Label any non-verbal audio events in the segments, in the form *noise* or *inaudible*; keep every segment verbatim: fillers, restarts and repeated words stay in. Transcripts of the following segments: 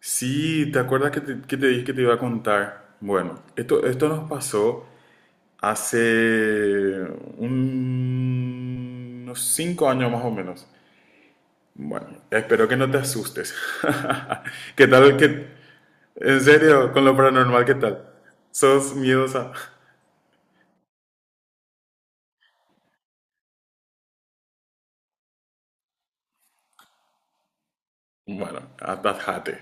Sí, ¿te acuerdas que te, que te dije que te iba a contar? Bueno, esto, esto nos pasó hace un- unos cinco años más o menos. Bueno, espero que no te asustes. *laughs* ¿Qué tal? ¿Qué- ¿en serio? ¿Con lo paranormal qué tal? ¿Sos miedosa? Bueno, atajate.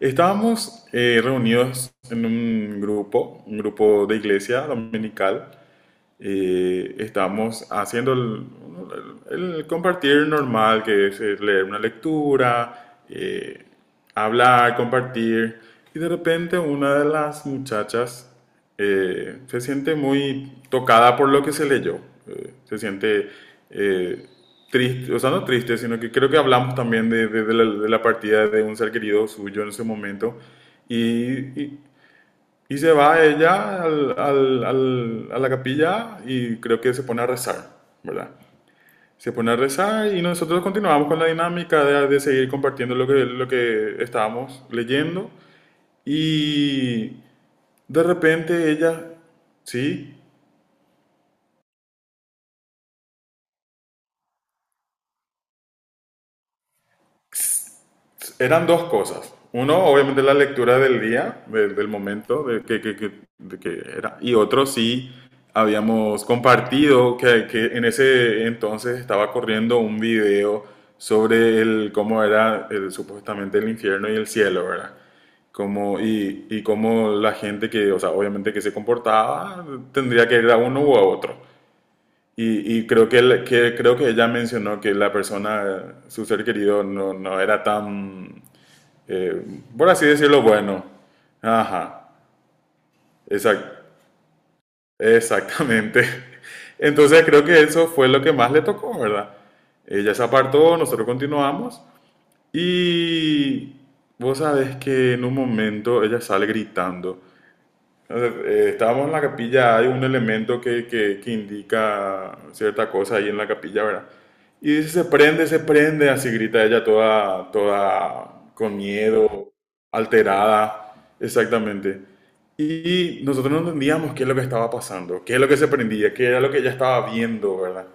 Estábamos eh, reunidos en un grupo, un grupo de iglesia dominical, y estamos haciendo el, el el compartir normal, que es eh, leer una lectura, eh, hablar, compartir. Y de repente una de las muchachas eh, se siente muy tocada por lo que se leyó. Eh, se siente eh, triste, o sea, no triste, sino que creo que hablamos también de, de- de la, de la partida de un ser querido suyo en ese momento. Y, y y se va ella al- al- al- a la capilla y creo que se pone a rezar, ¿verdad? Se pone a rezar y nosotros continuamos con la dinámica de, de seguir compartiendo lo que, lo que estábamos leyendo. Y de repente ella, sí, eran dos cosas. Uno, obviamente, la lectura del día, de- del momento, de que, que- que- de que era. Y otro, sí, habíamos compartido que, que en ese entonces estaba corriendo un video sobre el, cómo era el- supuestamente el infierno y el cielo, ¿verdad? Como, y, y cómo la gente que, o sea, obviamente que se comportaba, tendría que ir a uno u a otro. Y, y creo que, el- que- creo que ella mencionó que la persona, su ser querido, no, no era tan eh, por así decirlo, bueno. Ajá, exact- exactamente. *laughs* Entonces creo que eso fue lo que más le tocó, ¿verdad? Ella se apartó, nosotros continuamos y vos sabés que en un momento ella sale gritando. Entonces, eh, estábamos en la capilla, hay un elemento que, que, que indica cierta cosa ahí en la capilla, ¿verdad? Y dice, se prende, se prende, así grita ella toda, toda con miedo, alterada, exactamente. Y nosotros no entendíamos qué es lo que estaba pasando, qué es lo que se prendía, qué era lo que ella estaba viendo, ¿verdad?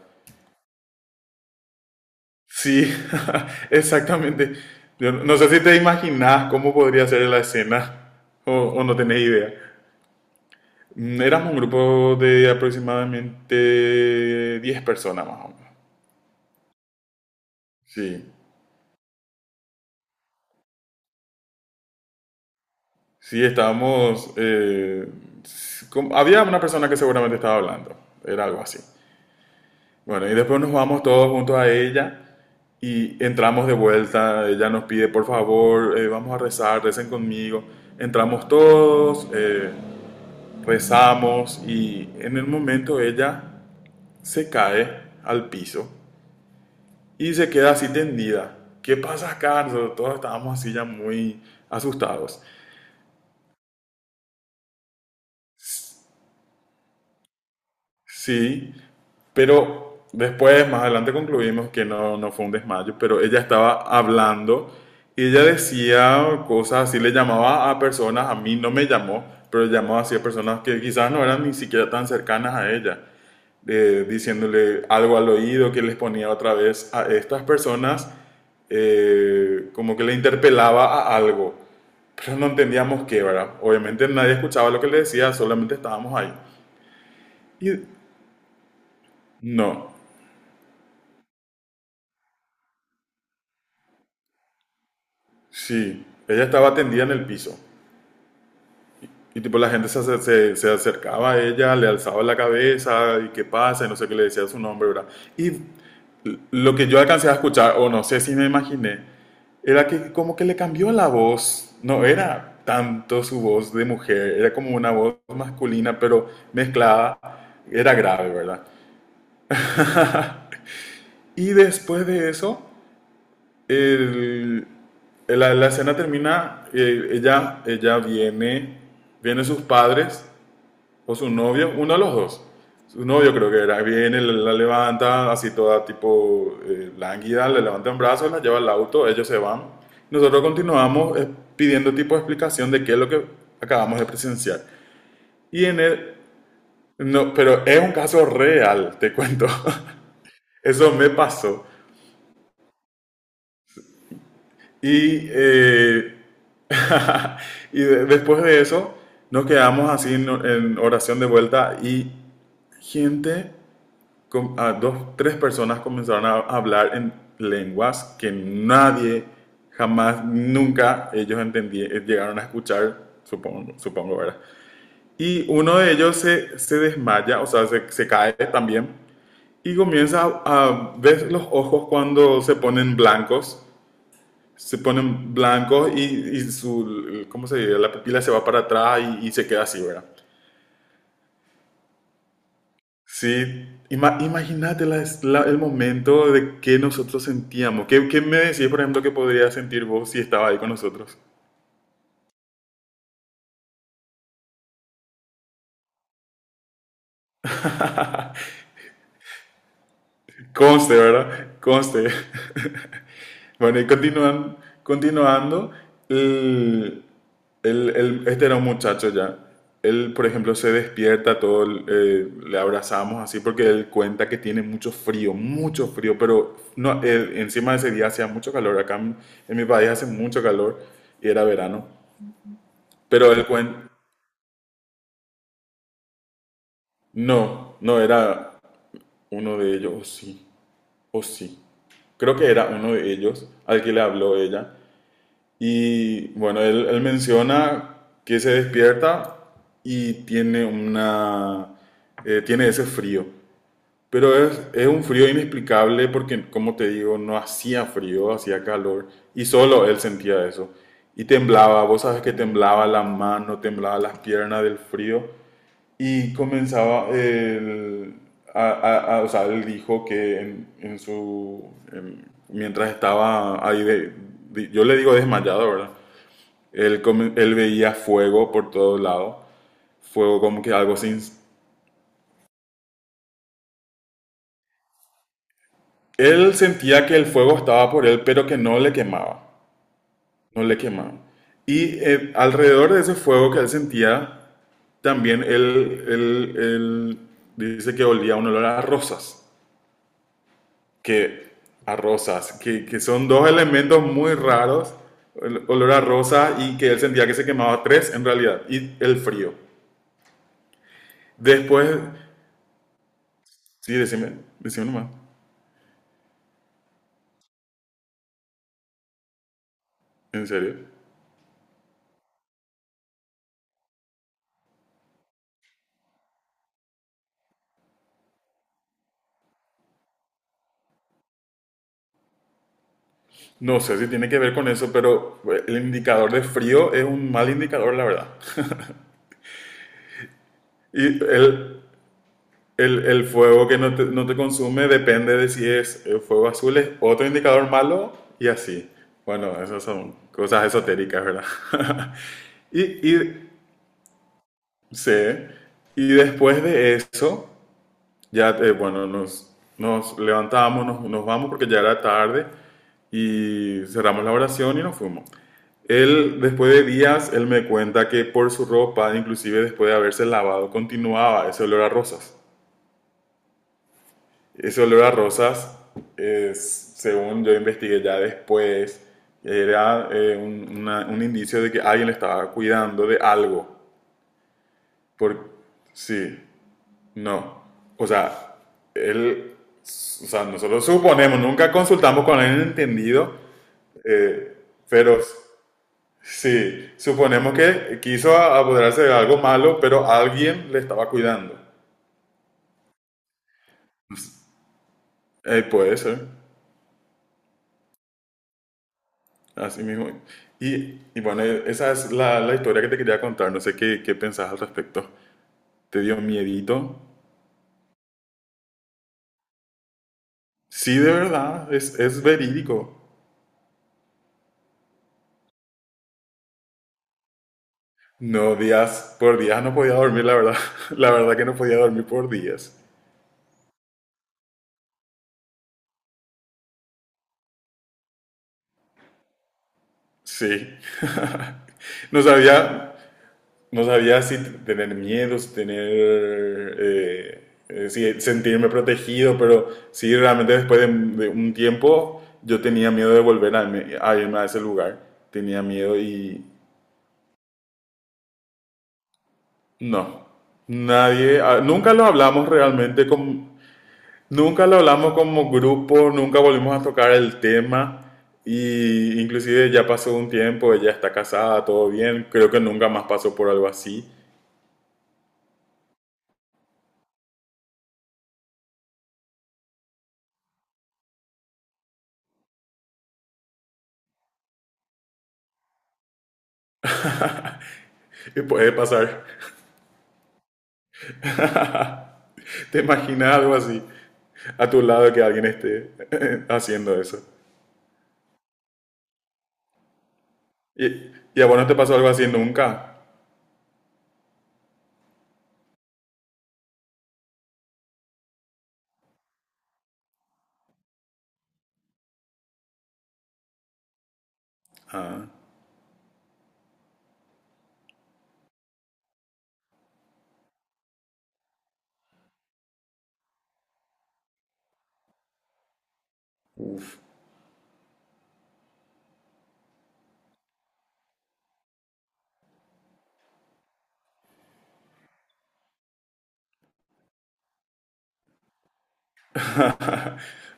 Sí, *laughs* exactamente. Yo no no sé si te imaginas cómo podría ser la escena o, o no tenés idea. Mm, Éramos un grupo de aproximadamente diez personas más o menos. Sí, sí, estábamos... eh, s- como- había una persona que seguramente estaba hablando, era algo así. Bueno, y después nos vamos todos juntos a ella y entramos de vuelta. Ella nos pide, por favor, eh, vamos a rezar, recen conmigo. Entramos todos, eh, rezamos y en el momento ella se cae al piso y se queda así tendida. ¿Qué pasa, Carlos? Todos estábamos así ya muy asustados. Sí, pero después, más adelante concluimos que no, no fue un desmayo, pero ella estaba hablando y ella decía cosas así, le llamaba a personas, a mí no me llamó, pero llamaba así a personas que quizás no eran ni siquiera tan cercanas a ella, eh, diciéndole algo al oído que les ponía otra vez a estas personas, eh, como que le interpelaba a algo, pero no entendíamos qué, ¿verdad? Obviamente nadie escuchaba lo que le decía, solamente estábamos ahí. Y no, sí, ella estaba tendida en el piso. Y tipo la gente se, ace- se- se acercaba a ella, le alzaba la cabeza y qué pasa, y no sé qué le decía su nombre, ¿verdad? Y l- lo que yo alcancé a escuchar, o no sé si me imaginé, era que como que le cambió la voz. No era tanto su voz de mujer, era como una voz masculina, pero mezclada, era grave, ¿verdad? Y después de eso, el- la, la escena termina, eh, ella, ella viene, viene sus padres o su novio, uno de los dos. Su novio creo que era, viene, la, la levanta así toda tipo eh, lánguida, le levanta en brazos, la lleva al auto, ellos se van. Nosotros continuamos eh, pidiendo tipo de explicación de qué es lo que acabamos de presenciar. Y en el, no, pero es un caso real, te cuento. *laughs* Eso me pasó. Y, eh, *laughs* y de- después de eso nos quedamos así en, en oración de vuelta y gente, com- a dos, tres personas comenzaron a hablar en lenguas que nadie jamás, nunca ellos entendí- eh, llegaron a escuchar, supongo, supongo, ¿verdad? Y uno de ellos se, se desmaya, o sea, se, se cae también y comienza a, a ver los ojos cuando se ponen blancos, se ponen blancos y, y su, ¿cómo se dice? La pupila se va para atrás y, y se queda así, ¿verdad? Sí, ima- imagínate la- la- el momento de que nosotros sentíamos. ¿Qué, qué me decís, por ejemplo, que podrías sentir vos si estaba ahí con nosotros? Conste, ¿verdad? Conste. *laughs* Bueno, y continúan, continuando, el- él, él- este era un muchacho ya. Él, por ejemplo, se despierta, todo, el- eh, le abrazamos así porque él cuenta que tiene mucho frío, mucho frío, pero no, él- encima de ese día hacía mucho calor. Acá en, en mi país hace mucho calor y era verano. Pero él cuenta, no, no era uno de ellos, o sí, o sí. Creo que era uno de ellos al que le habló ella. Y bueno, él, él menciona que se despierta y tiene una... eh, tiene ese frío. Pero es, es un frío inexplicable porque, como te digo, no hacía frío, hacía calor. Y solo él sentía eso. Y temblaba, vos sabes que temblaba la mano, temblaba las piernas del frío. Y comenzaba, el, a- a- a- o sea, él dijo que en, en su, en- mientras estaba ahí, de, de- yo le digo desmayado, ¿verdad? Él, como- él veía fuego por todos lados, fuego como que algo sin... Él sentía que el fuego estaba por él, pero que no le quemaba, no le quemaba. Y eh, alrededor de ese fuego que él sentía, también él, él- él dice que olía un olor a rosas, que, a rosas, que, que son dos elementos muy raros, el olor a rosa y que él sentía que se quemaba tres en realidad, y el frío. Después, sí, decime, decime nomás, en serio. No sé si tiene que ver con eso, pero eh, el indicador de frío es un mal indicador, la verdad. Y el, el, el fuego que no te, no te consume depende de si es eh, fuego azul, es otro indicador malo y así. Bueno, esas son cosas esotéricas, ¿verdad? *laughs* Y, y, sí. Y después de eso, ya, eh, bueno, nos, nos levantamos, nos, nos vamos porque ya era tarde y cerramos la oración y nos fuimos. Él, después de días, él me cuenta que por su ropa, inclusive después de haberse lavado, continuaba ese olor a rosas. Ese olor a rosas, es, según yo investigué ya después, era eh, un, una- un indicio de que alguien le estaba cuidando de algo. Por, sí. No. O sea, él, o sea, nosotros suponemos, nunca consultamos con alguien entendido, eh, pero sí, suponemos que quiso a- apoderarse de algo malo, pero alguien le estaba cuidando. Eh, puede ser, así mismo. Y, y bueno, esa es la, la historia que te quería contar, no sé qué, qué pensás al respecto. ¿Te dio miedito? Sí, de verdad, es, es verídico. No, días, por días no podía dormir, la verdad. *laughs* La verdad que no podía dormir por días. Sí, no sabía, no sabía si t- tener miedos, tener, eh, eh, si sentirme protegido, pero sí, realmente después de, de un tiempo yo tenía miedo de volver a, irme- a irme a ese lugar, tenía miedo y no, nadie, ah, nunca lo hablamos realmente, con, nunca lo hablamos como grupo, nunca volvimos a tocar el tema. Y inclusive ya pasó un tiempo, ella está casada, todo bien, creo que nunca más pasó por algo así. *laughs* Puede pasar. ¿Te imaginas algo así a tu lado que alguien esté *laughs* haciendo eso? ¿Y, y a vos no te pasó algo así nunca?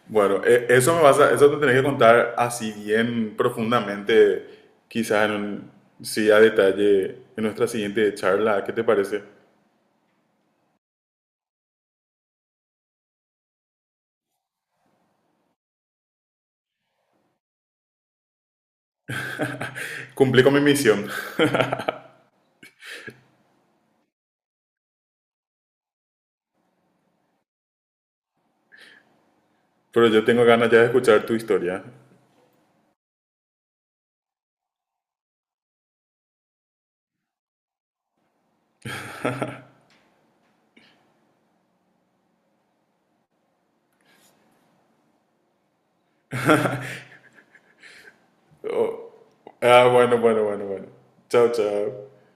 Bueno, e- eso me vas a- eso te tenés que contar así bien profundamente, quizás en un, sí a detalle en nuestra siguiente charla. ¿Qué te parece? Cumplí con mi misión, *laughs* pero yo tengo ganas ya de escuchar tu historia. Oh, ah, bueno, bueno, bueno, bueno. Chao, chao.